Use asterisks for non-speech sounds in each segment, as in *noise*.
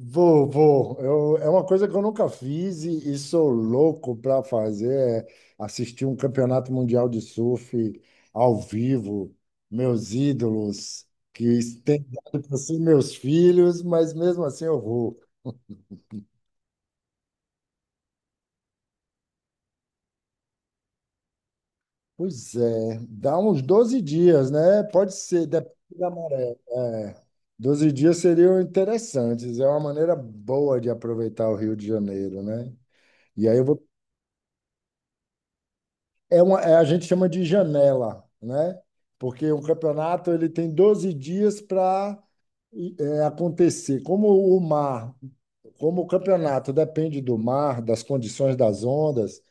Vou, vou. É uma coisa que eu nunca fiz e sou louco para fazer, é assistir um campeonato mundial de surf ao vivo. Meus ídolos, que têm dado para ser meus filhos, mas mesmo assim eu vou. Pois é, dá uns 12 dias, né? Pode ser, depende da maré. É, 12 dias seriam interessantes. É uma maneira boa de aproveitar o Rio de Janeiro, né? E aí eu vou a gente chama de janela, né? Porque o campeonato ele tem 12 dias para acontecer. O mar, Como o campeonato depende do mar, das condições das ondas,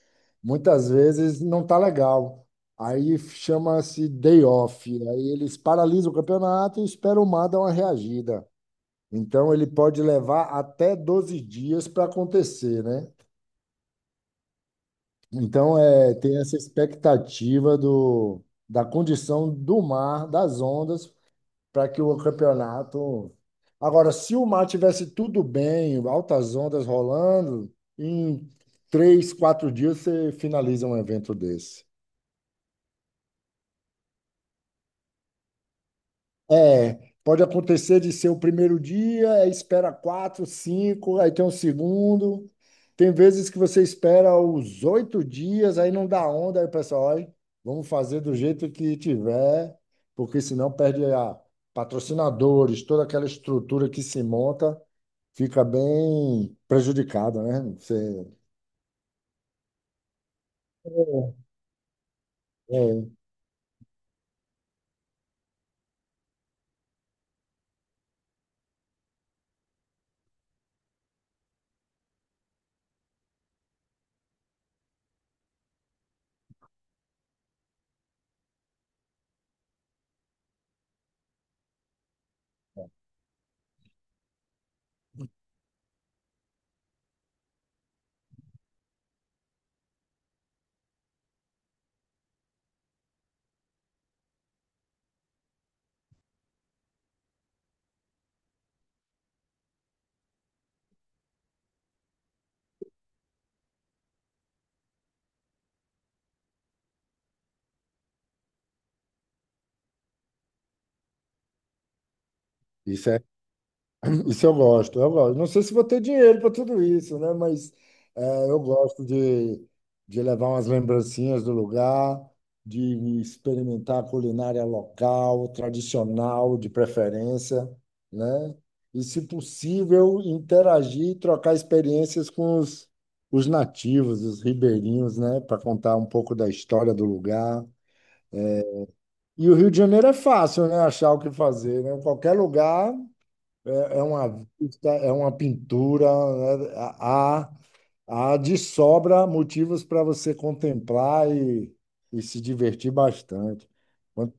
muitas vezes não tá legal. Aí chama-se day off. Aí eles paralisam o campeonato e esperam o mar dar uma reagida. Então ele pode levar até 12 dias para acontecer, né? Então, é, tem essa expectativa do, da condição do mar, das ondas, para que o campeonato. Agora, se o mar tivesse tudo bem, altas ondas rolando, em três, quatro dias você finaliza um evento desse. É, pode acontecer de ser o primeiro dia, aí espera quatro, cinco, aí tem um segundo. Tem vezes que você espera os oito dias, aí não dá onda, aí o pessoal, olha, vamos fazer do jeito que tiver, porque senão perde a patrocinadores, toda aquela estrutura que se monta fica bem prejudicada, né? Você, é, é Isso eu gosto, eu gosto. Não sei se vou ter dinheiro para tudo isso, né? Mas é, eu gosto de levar umas lembrancinhas do lugar, de experimentar a culinária local, tradicional, de preferência, né? E, se possível, interagir e trocar experiências com os nativos, os ribeirinhos, né? Para contar um pouco da história do lugar. E o Rio de Janeiro é fácil, né? Achar o que fazer, né? Qualquer lugar. É, é uma vista, é uma pintura, né? Há, há de sobra motivos para você contemplar e se divertir bastante. Quando-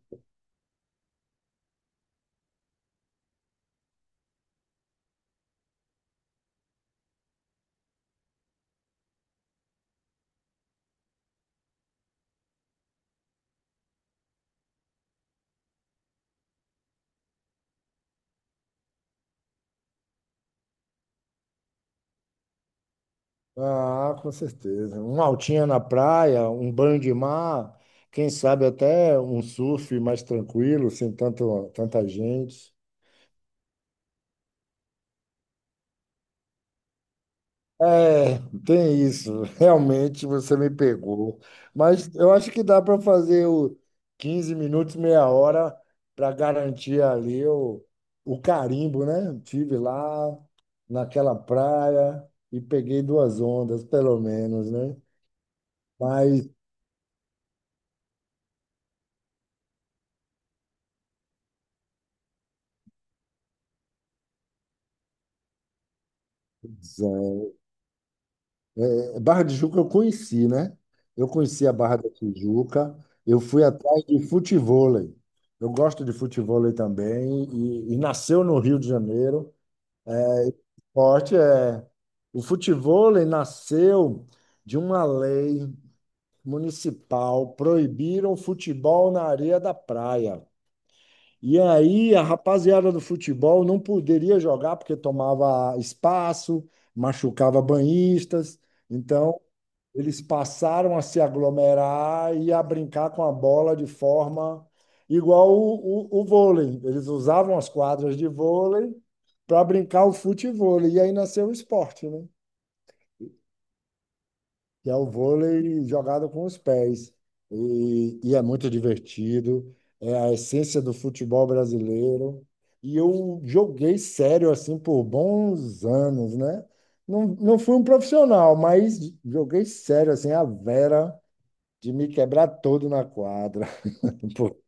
Ah, com certeza. Uma altinha na praia, um banho de mar, quem sabe até um surf mais tranquilo, sem tanto, tanta gente. É, tem isso. *laughs* Realmente você me pegou. Mas eu acho que dá para fazer o 15 minutos, meia hora, para garantir ali o carimbo, né? Tive lá naquela praia e peguei duas ondas, pelo menos, né? Mas é, Barra de Juca eu conheci, né? Eu conheci a Barra da Tijuca, eu fui atrás de futevôlei. Eu gosto de futevôlei também e nasceu no Rio de Janeiro. Esporte é. O futevôlei nasceu de uma lei municipal, proibiram o futebol na areia da praia. E aí a rapaziada do futebol não poderia jogar porque tomava espaço, machucava banhistas. Então, eles passaram a se aglomerar e a brincar com a bola de forma igual o vôlei. Eles usavam as quadras de vôlei para brincar o futevôlei. E aí nasceu o esporte, né? Que é o vôlei jogado com os pés. E é muito divertido, é a essência do futebol brasileiro. E eu joguei sério assim por bons anos, né? Não, não fui um profissional, mas joguei sério assim, a Vera de me quebrar todo na quadra, *laughs* pô,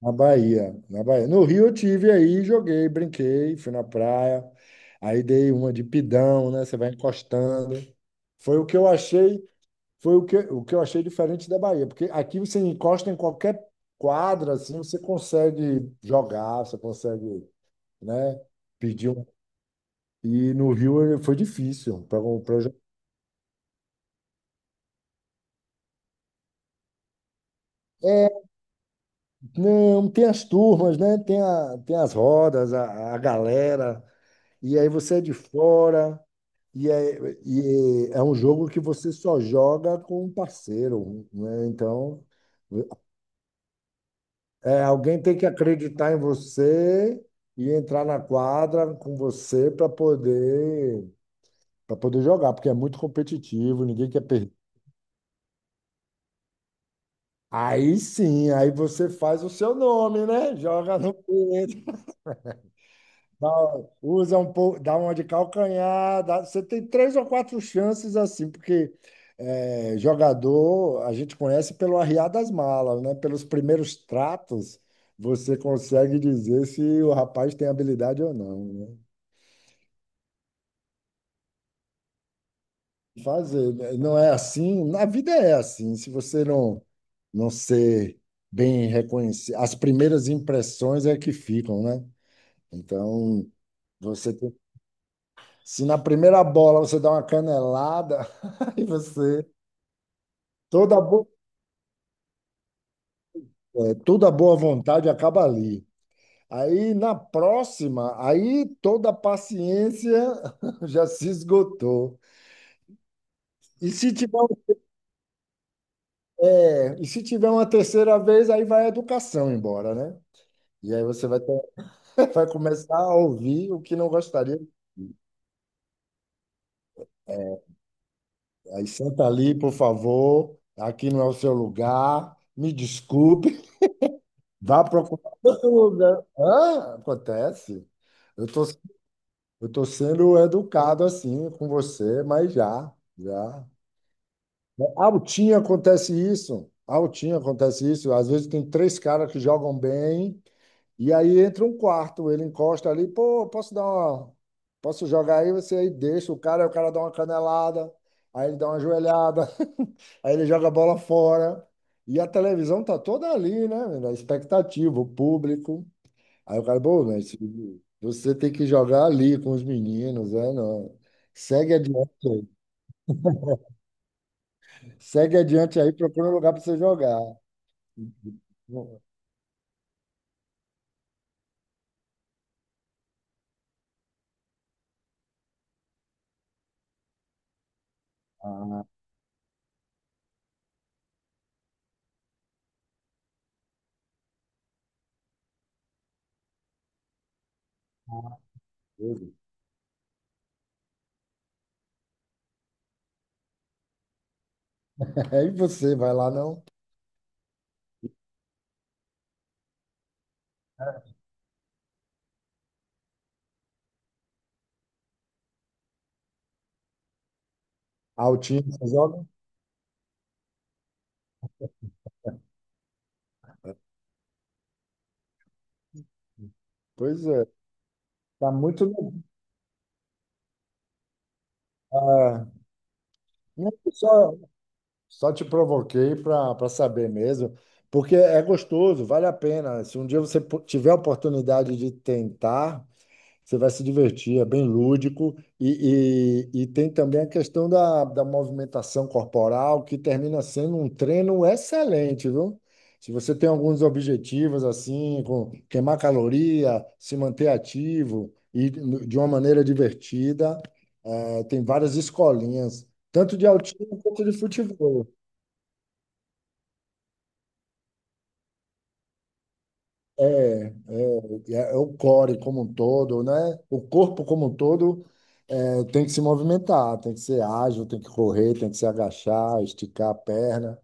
na Bahia, na Bahia. No Rio eu tive aí, joguei, brinquei, fui na praia. Aí dei uma de pidão, né? Você vai encostando. Foi o que eu achei Foi o que eu achei diferente da Bahia, porque aqui você encosta em qualquer quadra, assim, você consegue jogar, você consegue, né, pedir um. E no Rio foi difícil para o projeto. É, não, tem as turmas, né? Tem as rodas, a galera, e aí você é de fora, e é um jogo que você só joga com um parceiro, né? Então, é, alguém tem que acreditar em você e entrar na quadra com você para poder jogar, porque é muito competitivo, ninguém quer perder. Aí sim, aí você faz o seu nome, né? Joga no peito, dá- usa um pouco, dá uma de calcanhar, dá- você tem três ou quatro chances assim, porque é, jogador a gente conhece pelo arriar das malas, né? Pelos primeiros tratos, você consegue dizer se o rapaz tem habilidade ou não, né? Fazer, né? Não é assim. Na vida é assim. Se você não, ser bem reconhecido, as primeiras impressões é que ficam, né? Então, você tem- se na primeira bola você dá uma canelada, *laughs* aí você toda a bo... é, toda a boa vontade acaba ali. Aí na próxima, aí toda a paciência *laughs* já se esgotou. E se tiver, é, e se tiver uma terceira vez, aí vai a educação embora, né? E aí você vai ter. Vai começar a ouvir o que não gostaria. Aí senta ali, por favor. Aqui não é o seu lugar. Me desculpe. Vá procurar outro lugar. Hã? Acontece. Eu tô, eu tô sendo educado assim com você, mas já, já. Altinho acontece isso. Altinho acontece isso. Às vezes tem três caras que jogam bem. E aí entra um quarto, ele encosta ali, pô, posso dar uma, posso jogar aí, você aí deixa o cara, aí o cara dá uma canelada, aí ele dá uma joelhada, *laughs* aí ele joga a bola fora. E a televisão tá toda ali, né, menina? A expectativa, o público. Aí o cara, pô, mas você tem que jogar ali com os meninos, né? Não. Segue adiante aí. Segue adiante aí, procura um lugar para você jogar. Ah, beleza. *laughs* Aí você vai lá, não? Ah, o time, você joga? Pois é, tá muito legal. Ah, não, só, só te provoquei para saber mesmo, porque é gostoso, vale a pena. Se um dia você tiver a oportunidade de tentar, você vai se divertir, é bem lúdico. E tem também a questão da movimentação corporal, que termina sendo um treino excelente, viu? Se você tem alguns objetivos, assim, com queimar caloria, se manter ativo de uma maneira divertida, tem várias escolinhas, tanto de altinho quanto de futebol. É o core como um todo, né? O corpo como um todo é, tem que se movimentar, tem que ser ágil, tem que correr, tem que se agachar, esticar a perna.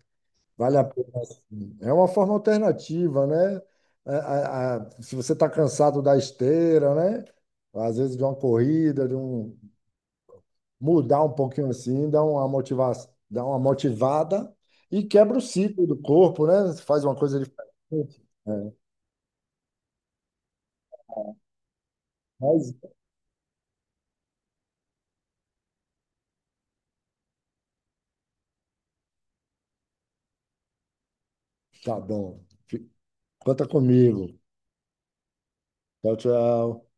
Vale a pena, sim. É uma forma alternativa, né? Se você está cansado da esteira, né? Às vezes de uma corrida, de um mudar um pouquinho assim, dá uma motivada e quebra o ciclo do corpo, né? Faz uma coisa diferente. É, mas tá bom. Conta comigo. Tchau, tchau.